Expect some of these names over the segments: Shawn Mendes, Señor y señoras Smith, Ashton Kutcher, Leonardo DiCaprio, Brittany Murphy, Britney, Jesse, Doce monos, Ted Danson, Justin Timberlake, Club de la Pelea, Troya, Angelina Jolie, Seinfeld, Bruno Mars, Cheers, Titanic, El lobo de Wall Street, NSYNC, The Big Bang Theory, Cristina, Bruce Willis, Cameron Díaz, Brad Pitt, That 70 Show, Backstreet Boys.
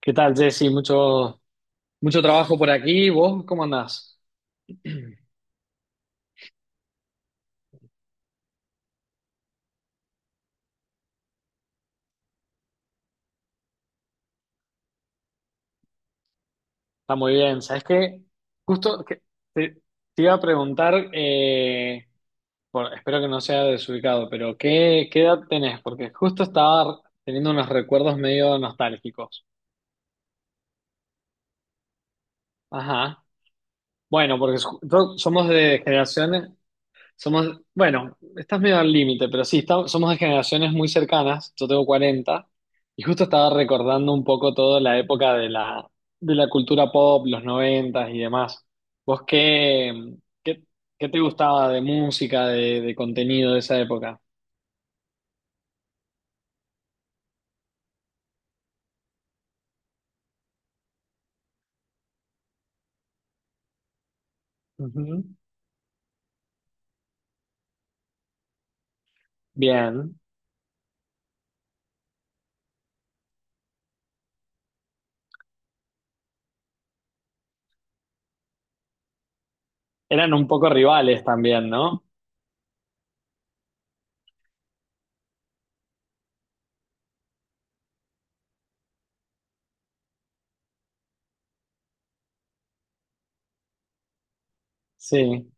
¿Qué tal, Jesse? Mucho trabajo por aquí. ¿Vos cómo andás? Está muy bien. ¿Sabes qué? Justo que te, te iba a preguntar, espero que no sea desubicado, pero ¿qué edad tenés? Porque justo estaba teniendo unos recuerdos medio nostálgicos. Ajá. Bueno, porque somos de generaciones. Somos, bueno, estás medio al límite, pero sí, estamos, somos de generaciones muy cercanas. Yo tengo 40 y justo estaba recordando un poco toda la época de de la cultura pop, los noventas y demás. ¿Vos qué, qué te gustaba de música, de contenido de esa época? Ujú. Bien. Eran un poco rivales también, ¿no? Sí.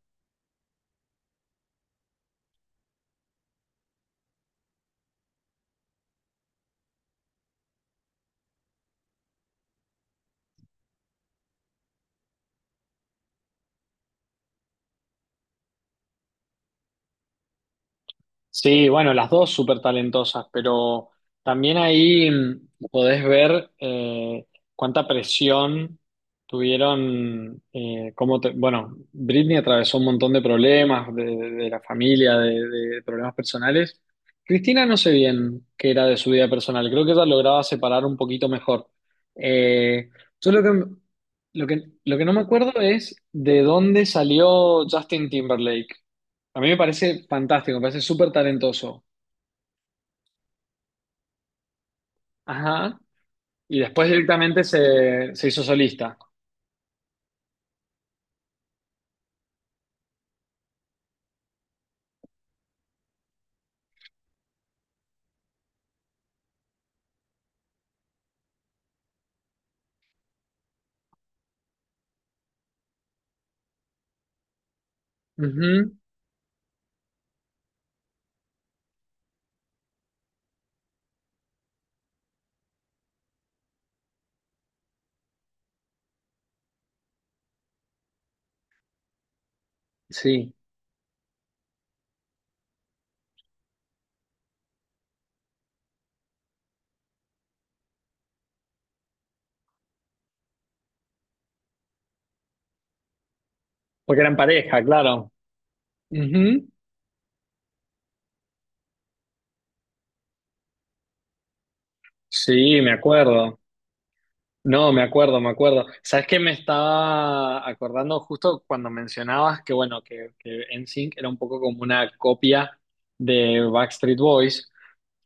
Sí, bueno, las dos súper talentosas, pero también ahí podés ver cuánta presión tuvieron, bueno, Britney atravesó un montón de problemas de la familia, de problemas personales. Cristina no sé bien qué era de su vida personal, creo que ella lograba separar un poquito mejor. Eh, yo lo que, lo que, lo que no me acuerdo es de dónde salió Justin Timberlake. A mí me parece fantástico, me parece súper talentoso. Ajá. Y después directamente se hizo solista. Ujú. Sí. Porque eran pareja, claro. Ujú. Sí, me acuerdo. No, me acuerdo, me acuerdo. ¿Sabes qué? Me estaba acordando justo cuando mencionabas que, bueno, que NSYNC era un poco como una copia de Backstreet Boys.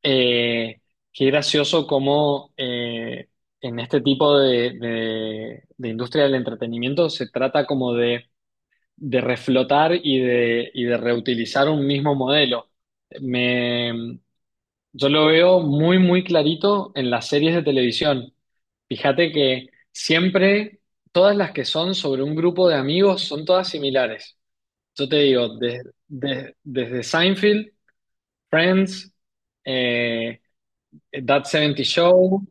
Eh, qué gracioso cómo en este tipo de industria del entretenimiento se trata como de reflotar y de reutilizar un mismo modelo. Me, yo lo veo muy, muy clarito en las series de televisión. Fíjate que siempre todas las que son sobre un grupo de amigos son todas similares. Yo te digo, desde Seinfeld, Friends, eh, That 70 Show,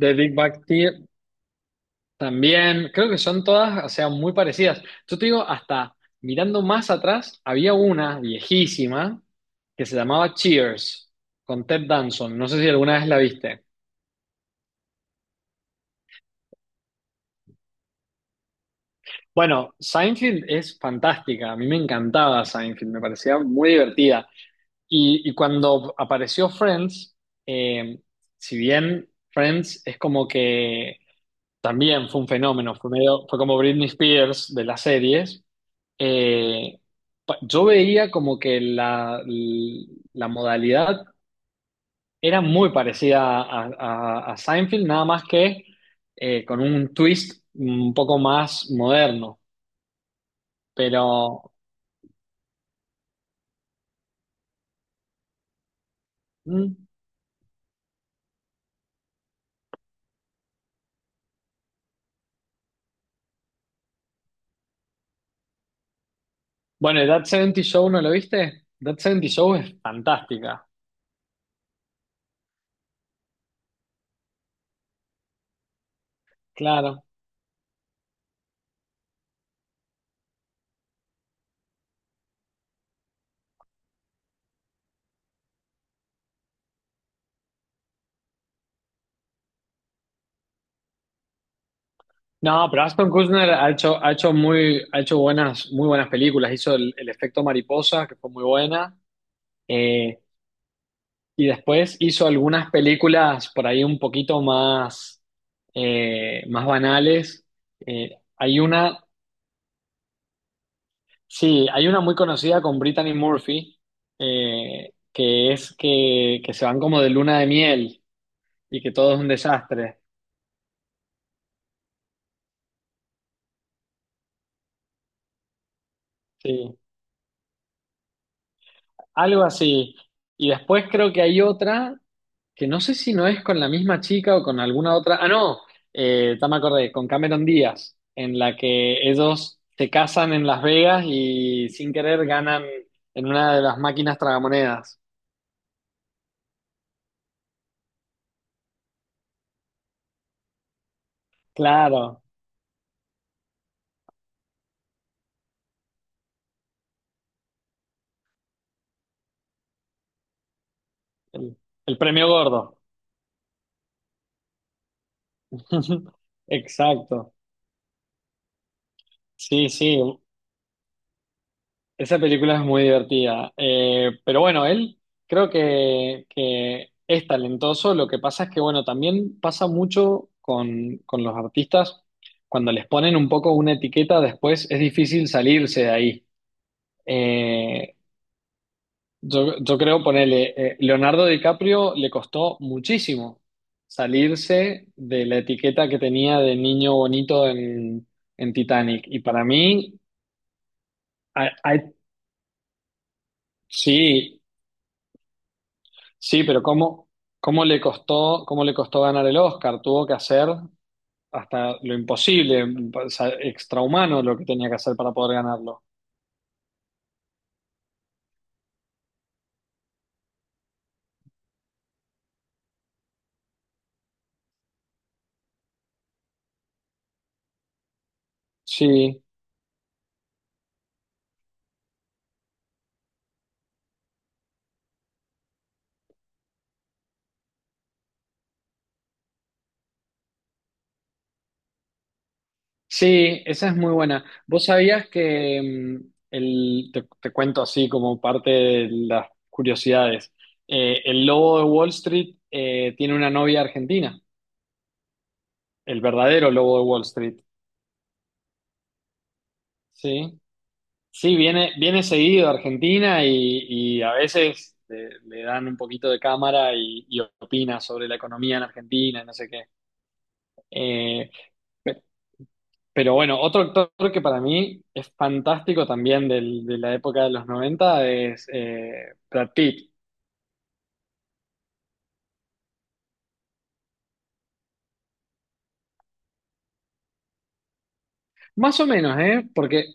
The Big Bang Theory, también, creo que son todas, o sea, muy parecidas. Yo te digo, hasta mirando más atrás, había una viejísima que se llamaba Cheers, con Ted Danson. No sé si alguna vez la viste. Bueno, Seinfeld es fantástica, a mí me encantaba Seinfeld, me parecía muy divertida. Y cuando apareció Friends, eh, si bien Friends es como que también fue un fenómeno, fue como Britney Spears de las series. Eh, yo veía como que la modalidad era muy parecida a, a Seinfeld, nada más que con un twist un poco más moderno. Pero, mm, bueno, That 70 Show, ¿no lo viste? That 70 Show es fantástica, claro. No, pero Ashton Kutcher ha hecho muy, ha hecho buenas, muy buenas películas. Hizo el efecto mariposa, que fue muy buena. eh, y después hizo algunas películas por ahí un poquito más, más banales. Eh, hay una, sí, hay una muy conocida con Brittany Murphy, que se van como de luna de miel y que todo es un desastre. Sí, algo así. Y después creo que hay otra que no sé si no es con la misma chica o con alguna otra. Ah, no, ya me acordé, con Cameron Díaz, en la que ellos se casan en Las Vegas y sin querer ganan en una de las máquinas tragamonedas. Claro, el, el premio gordo. Exacto. Sí, sí, esa película es muy divertida. Pero bueno, él creo que es talentoso. Lo que pasa es que, bueno, también pasa mucho con los artistas. Cuando les ponen un poco una etiqueta, después es difícil salirse de ahí. Eh, yo creo ponerle, Leonardo DiCaprio le costó muchísimo salirse de la etiqueta que tenía de niño bonito en Titanic. Y para mí, hay- hay- sí. Sí, pero cómo le costó ganar el Oscar? Tuvo que hacer hasta lo imposible, o sea, extrahumano lo que tenía que hacer para poder ganarlo. Sí, sí, esa es muy buena. ¿Vos sabías que te cuento así como parte de las curiosidades? El lobo de Wall Street tiene una novia argentina, el verdadero lobo de Wall Street, ¿sí? Sí, viene, viene seguido a Argentina y a veces le, le dan un poquito de cámara y opina sobre la economía en Argentina, no sé qué. Eh, pe- pero bueno, otro actor que para mí es fantástico también de la época de los 90 es Brad Pitt. Más o menos, ¿eh? Porque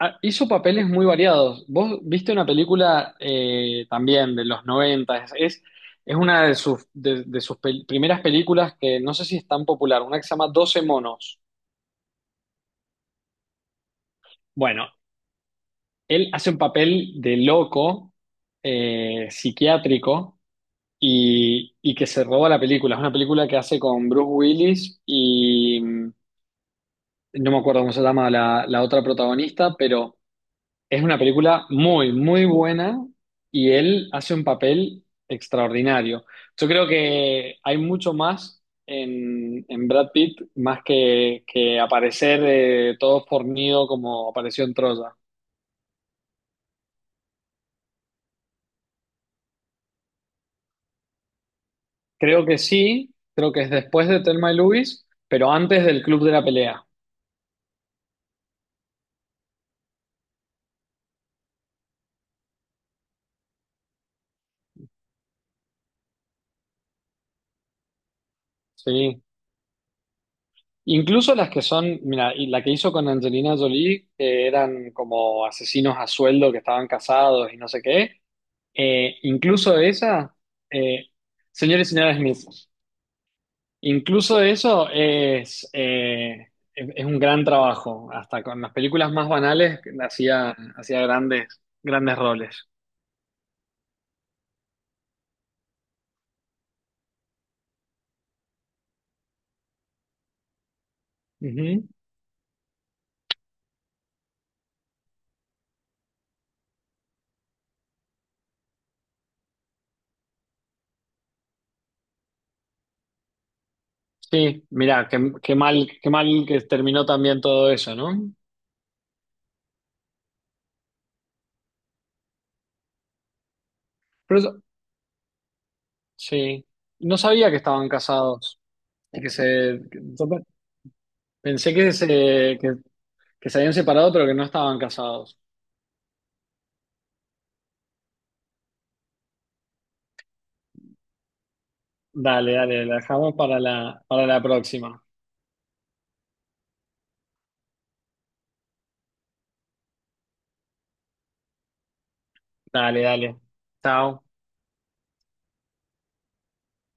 ah, hizo papeles muy variados. Vos viste una película también de los 90 es es una de sus, de sus primeras películas que no sé si es tan popular, una que se llama Doce monos. Bueno, él hace un papel de loco psiquiátrico y que se roba la película. Es una película que hace con Bruce Willis y no me acuerdo cómo se llama la otra protagonista, pero... Es una película muy, muy buena y él hace un papel extraordinario. Yo creo que hay mucho más en Brad Pitt, más que aparecer todo fornido como apareció en Troya. Creo que sí, creo que es después de Thelma y Louise, pero antes del Club de la Pelea. Sí. Incluso las que son, mira, y la que hizo con Angelina Jolie, que eran como asesinos a sueldo que estaban casados y no sé qué. Eh, incluso esa, eh, señor y señoras Smith, incluso eso es, es un gran trabajo. Hasta con las películas más banales hacía, hacía grandes, grandes roles. Ujú. Sí, mira, qué, qué mal que terminó también todo eso, ¿no? Pero eso- sí, no sabía que estaban casados y pensé que que, que se habían separado, pero que no estaban casados. Dale, dale, la dejamos para la próxima. Dale, dale. Chao.